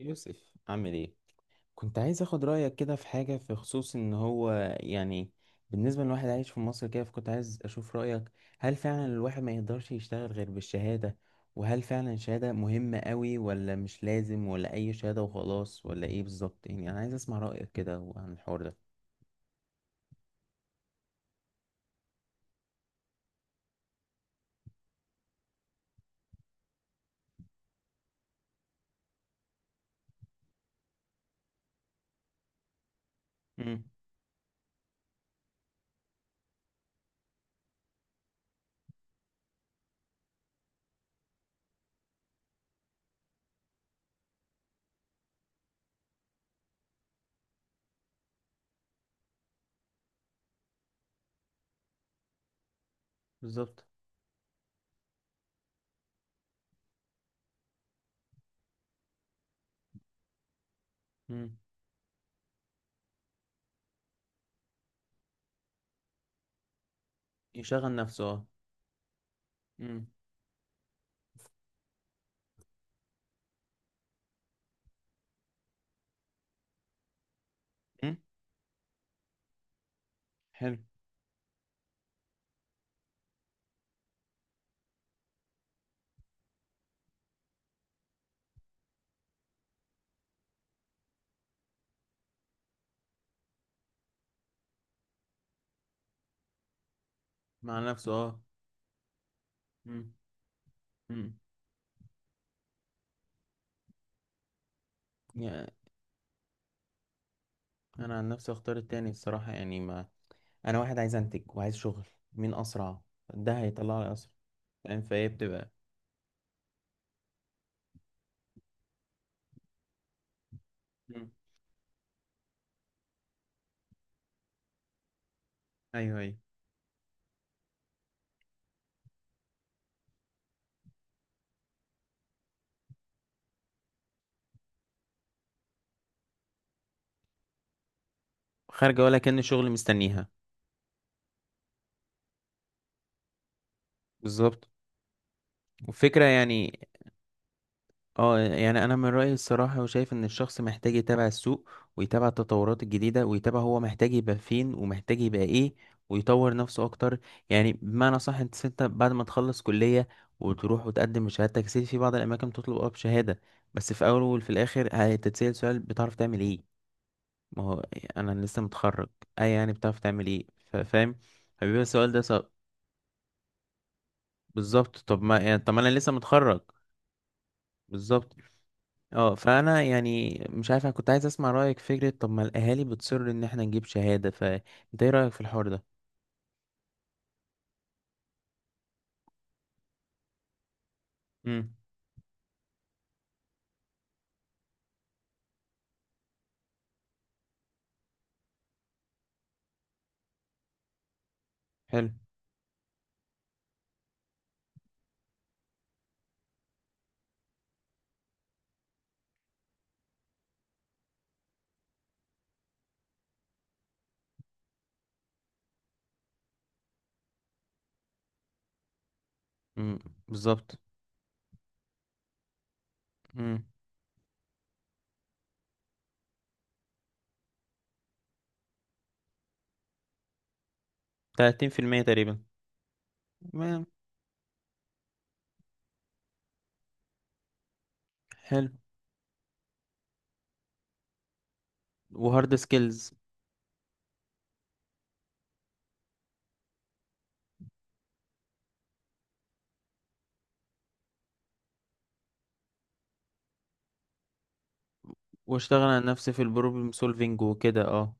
يوسف، عامل ايه؟ كنت عايز اخد رايك كده في حاجه، في خصوص ان هو يعني بالنسبه لواحد عايش في مصر كده، فكنت عايز اشوف رايك. هل فعلا الواحد ما يقدرش يشتغل غير بالشهاده؟ وهل فعلا الشهاده مهمه قوي ولا مش لازم ولا اي شهاده وخلاص ولا ايه بالظبط؟ يعني انا عايز اسمع رايك كده عن الحوار ده. امم. بالظبط. امم. يشغل نفسه اه. امم. أمم، حلو. مع نفسه اه. امم. امم. يعني انا عن نفسي اختار التاني الصراحه، يعني انا واحد عايز انتج وعايز شغل. مين اسرع ده هيطلع لي اسرع. فاهم فايه بتبقى. مم. ايوه ايوه. خارجه ولا كأن شغل مستنيها. بالظبط. والفكره يعني اه، يعني انا من رايي الصراحه وشايف ان الشخص محتاج يتابع السوق، ويتابع التطورات الجديده، ويتابع هو محتاج يبقى فين ومحتاج يبقى ايه، ويطور نفسه اكتر. يعني بمعنى صح، انت بعد ما تخلص كليه وتروح وتقدم شهادتك، سيدي في بعض الاماكن تطلب اه بشهاده. بس في اول وفي الاخر هتتسأل سؤال: بتعرف تعمل ايه؟ ما هو إيه، انا لسه متخرج. اي يعني بتعرف تعمل ايه. فاهم. فبيبقى السؤال ده صعب. بالظبط. طب ما يعني طب ما انا لسه متخرج. بالظبط. اه فانا يعني مش عارف، انا كنت عايز اسمع رايك في فكره: طب ما الاهالي بتصر ان احنا نجيب شهاده، فانت ايه رايك في الحوار ده؟ امم. حلو. امم. بالظبط. امم. 30% تقريبا. تمام. حلو. وهارد سكيلز. واشتغل على نفسي في البروبلم سولفينج وكده اه.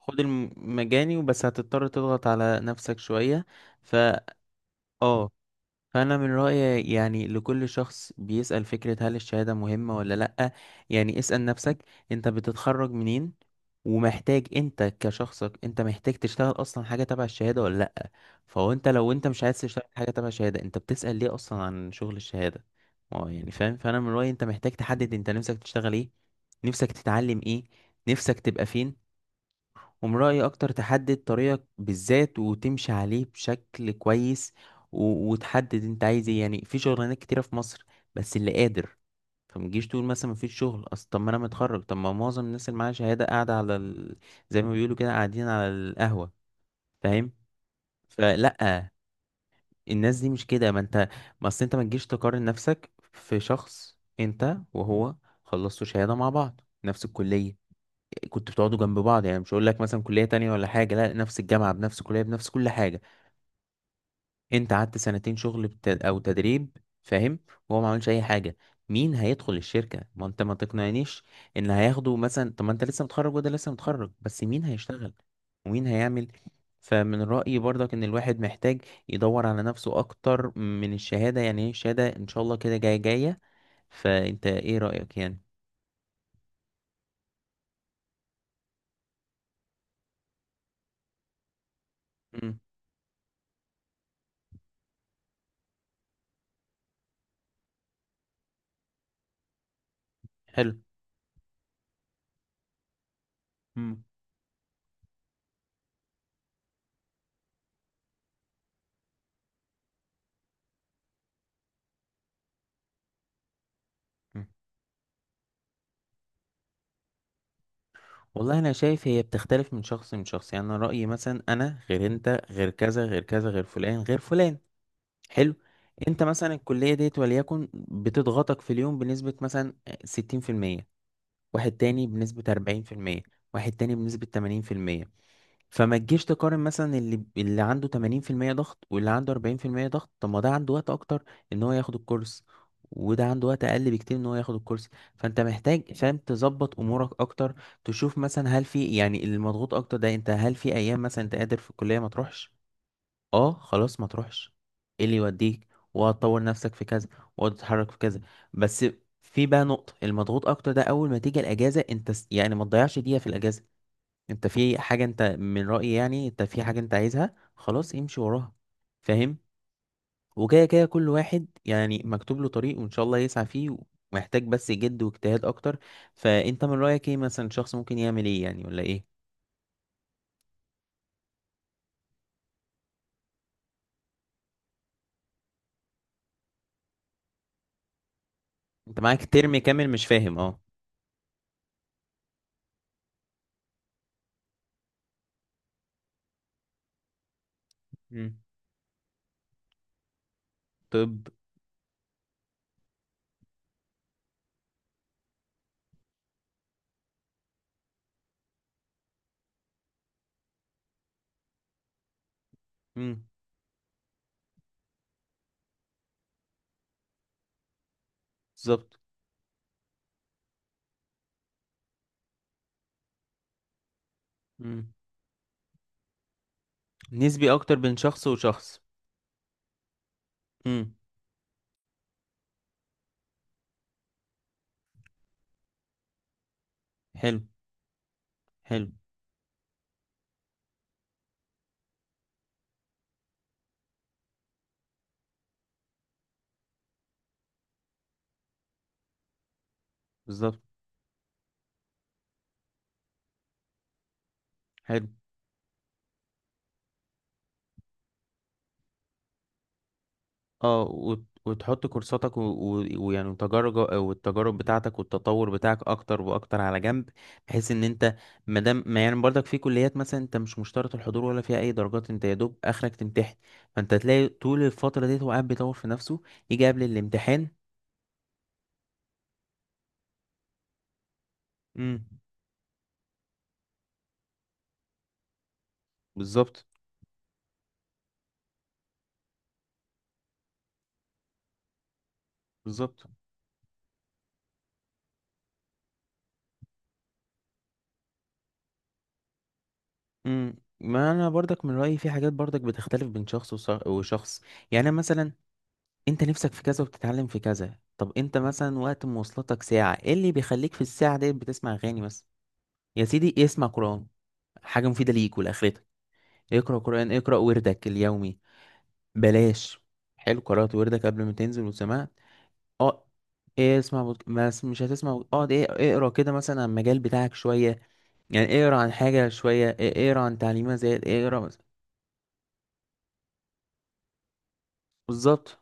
خد المجاني وبس، هتضطر تضغط على نفسك شويه. ف، اه. فانا من رايي يعني لكل شخص بيسال فكره هل الشهاده مهمه ولا لا: يعني اسال نفسك، انت بتتخرج منين، ومحتاج انت كشخصك انت محتاج تشتغل اصلا حاجه تبع الشهاده ولا لا. فهو انت لو انت مش عايز تشتغل حاجه تبع الشهاده، انت بتسال ليه اصلا عن شغل الشهاده. اه يعني فاهم. فانا من رايي انت محتاج تحدد انت نفسك تشتغل ايه، نفسك تتعلم ايه، نفسك تبقى فين. من رأيي أكتر تحدد طريقك بالذات وتمشي عليه بشكل كويس. وتحدد أنت عايز إيه. يعني في شغلانات كتيرة في مصر، بس اللي قادر. فما تجيش تقول مثلا مفيش شغل. أصل طب ما أنا متخرج. طب ما معظم الناس اللي معاها شهادة قاعدة على زي ما بيقولوا كده، قاعدين على القهوة. فاهم. فلأ، الناس دي مش كده. ما أنت ما أصل أنت ما تجيش تقارن نفسك في شخص. أنت وهو خلصتوا شهادة مع بعض، نفس الكلية، كنت بتقعدوا جنب بعض. يعني مش هقول لك مثلا كلية تانية ولا حاجة، لا، نفس الجامعة بنفس الكلية بنفس كل حاجة. انت قعدت سنتين شغل او تدريب، فاهم. وهو ما عملش اي حاجة. مين هيدخل الشركة؟ ما انت ما تقنعنيش ان هياخدوا مثلا. طب ما انت لسه متخرج وده لسه متخرج، بس مين هيشتغل ومين هيعمل؟ فمن رأيي برضك ان الواحد محتاج يدور على نفسه اكتر من الشهادة. يعني ايه الشهادة؟ ان شاء الله كده جاية جاية. فانت ايه رأيك يعني؟ امم. حلو. مم. والله انا شايف هي بتختلف من شخص من شخص. يعني انا رايي مثلا انا غير انت، غير كذا غير كذا، غير فلان غير فلان. حلو. انت مثلا الكليه ديت وليكن بتضغطك في اليوم بنسبه مثلا 60%، واحد تاني بنسبه 40%، واحد تاني بنسبه 80%. فما تجيش تقارن مثلا اللي عنده 80% ضغط واللي عنده 40% ضغط. طب ما ده عنده وقت اكتر ان هو ياخد الكورس، وده عنده وقت اقل بكتير ان هو ياخد الكورس. فانت محتاج فاهم تظبط امورك اكتر. تشوف مثلا هل في يعني المضغوط اكتر ده، انت هل في ايام مثلا انت قادر في الكلية ما تروحش. اه خلاص ما تروحش، ايه اللي يوديك؟ وهتطور نفسك في كذا وهتتحرك في كذا. بس في بقى نقطة المضغوط أكتر ده، أول ما تيجي الأجازة، أنت يعني ما تضيعش دقيقة في الأجازة. انت في حاجة انت من رأيي يعني انت في حاجة انت عايزها، خلاص امشي وراها. فاهم. وكده كده كل واحد يعني مكتوب له طريق وان شاء الله يسعى فيه، ومحتاج بس جد واجتهاد اكتر. فانت من رأيك ايه مثلا شخص ممكن يعمل ايه يعني ولا ايه؟ انت معاك ترم كامل مش فاهم اه. مم. طب. مم. بالظبط. مم. نسبي اكتر بين شخص وشخص. مم. حلو. حلو. بالظبط. حلو. اه وتحط كورساتك ويعني وتجارب، والتجارب بتاعتك والتطور بتاعك اكتر واكتر على جنب، بحيث ان انت ما دام ما يعني برضك في كليات مثلا انت مش مشترط الحضور ولا فيها اي درجات، انت يا دوب اخرك تمتحن. فانت تلاقي طول الفتره دي هو قاعد بيطور في نفسه. يجي قبل الامتحان. امم. بالظبط. بالظبط. امم. ما انا برضك من رايي في حاجات برضك بتختلف بين شخص وشخص. يعني أنا مثلا، انت نفسك في كذا وبتتعلم في كذا. طب انت مثلا وقت مواصلاتك ساعة، ايه اللي بيخليك في الساعة دي بتسمع اغاني بس؟ يا سيدي اسمع قرآن، حاجة مفيدة ليك ولآخرتك. اقرأ قرآن، اقرأ وردك اليومي. بلاش. حلو، قرأت وردك قبل ما تنزل، وسمعت اه. ايه، اسمع بس مش هتسمع اقعد ايه، اقرا كده مثلا عن المجال بتاعك شوية. يعني اقرا عن حاجة شوية، ايه اقرا عن تعليمات، زي اقرا مثلا. بالظبط.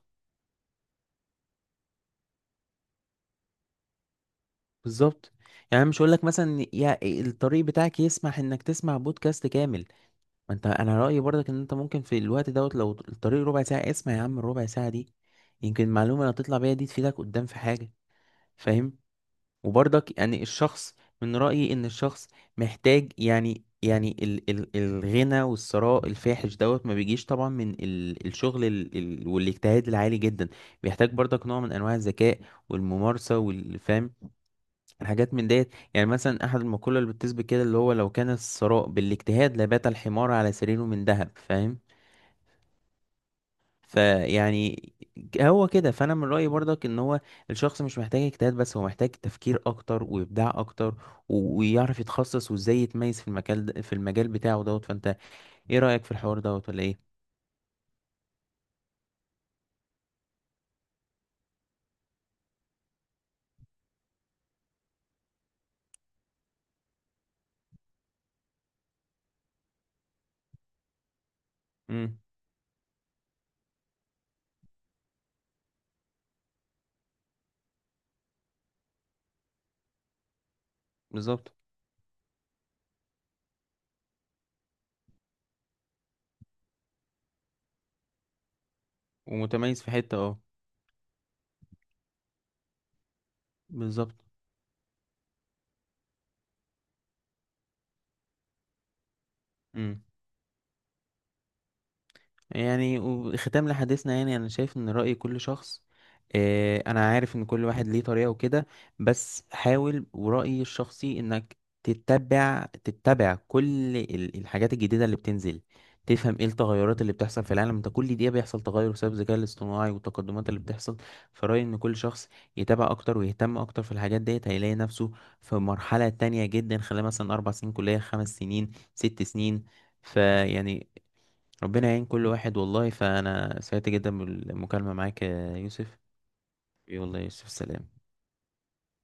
بالظبط. يعني مش هقول لك مثلا يا الطريق بتاعك يسمح انك تسمع بودكاست كامل، ما انت انا رايي برضك ان انت ممكن في الوقت دوت لو الطريق ربع ساعه، اسمع يا عم الربع ساعه دي. يمكن المعلومه اللي هتطلع بيها دي تفيدك قدام في حاجه. فاهم. وبرضك يعني الشخص، من رايي ان الشخص محتاج يعني، يعني ال ال الغنى والثراء الفاحش دوت ما بيجيش طبعا من ال الشغل ال ال والاجتهاد العالي جدا. بيحتاج برضك نوع من انواع الذكاء والممارسه والفهم، الحاجات من ديت. يعني مثلا احد المقوله اللي بتثبت كده اللي هو: لو كان الثراء بالاجتهاد لبات الحمار على سريره من ذهب. فاهم. فيعني هو كده. فانا من رايي برضك ان هو الشخص مش محتاج اجتهاد بس، هو محتاج تفكير اكتر وابداع اكتر، ويعرف يتخصص وازاي يتميز في المجال ده، في المجال بتاعه دوت. فانت ايه رايك في الحوار دوت ولا ايه؟ امم. بالظبط. ومتميز في حته اه. بالظبط. مم. يعني وختام لحديثنا، يعني انا شايف ان رأي كل شخص، آه، انا عارف ان كل واحد ليه طريقة وكده، بس حاول، ورأيي الشخصي انك تتبع كل الحاجات الجديدة اللي بتنزل. تفهم ايه التغيرات اللي بتحصل في العالم. انت كل دقيقة بيحصل تغير بسبب الذكاء الاصطناعي والتقدمات اللي بتحصل. فرأيي ان كل شخص يتابع اكتر ويهتم اكتر في الحاجات ديت، هيلاقي نفسه في مرحلة تانية جدا خلال مثلا اربع سنين كلية، خمس سنين، ست سنين. فيعني ربنا يعين كل واحد والله. فأنا سعدت جدا بالمكالمة معاك يا يوسف. والله يا يوسف، سلام.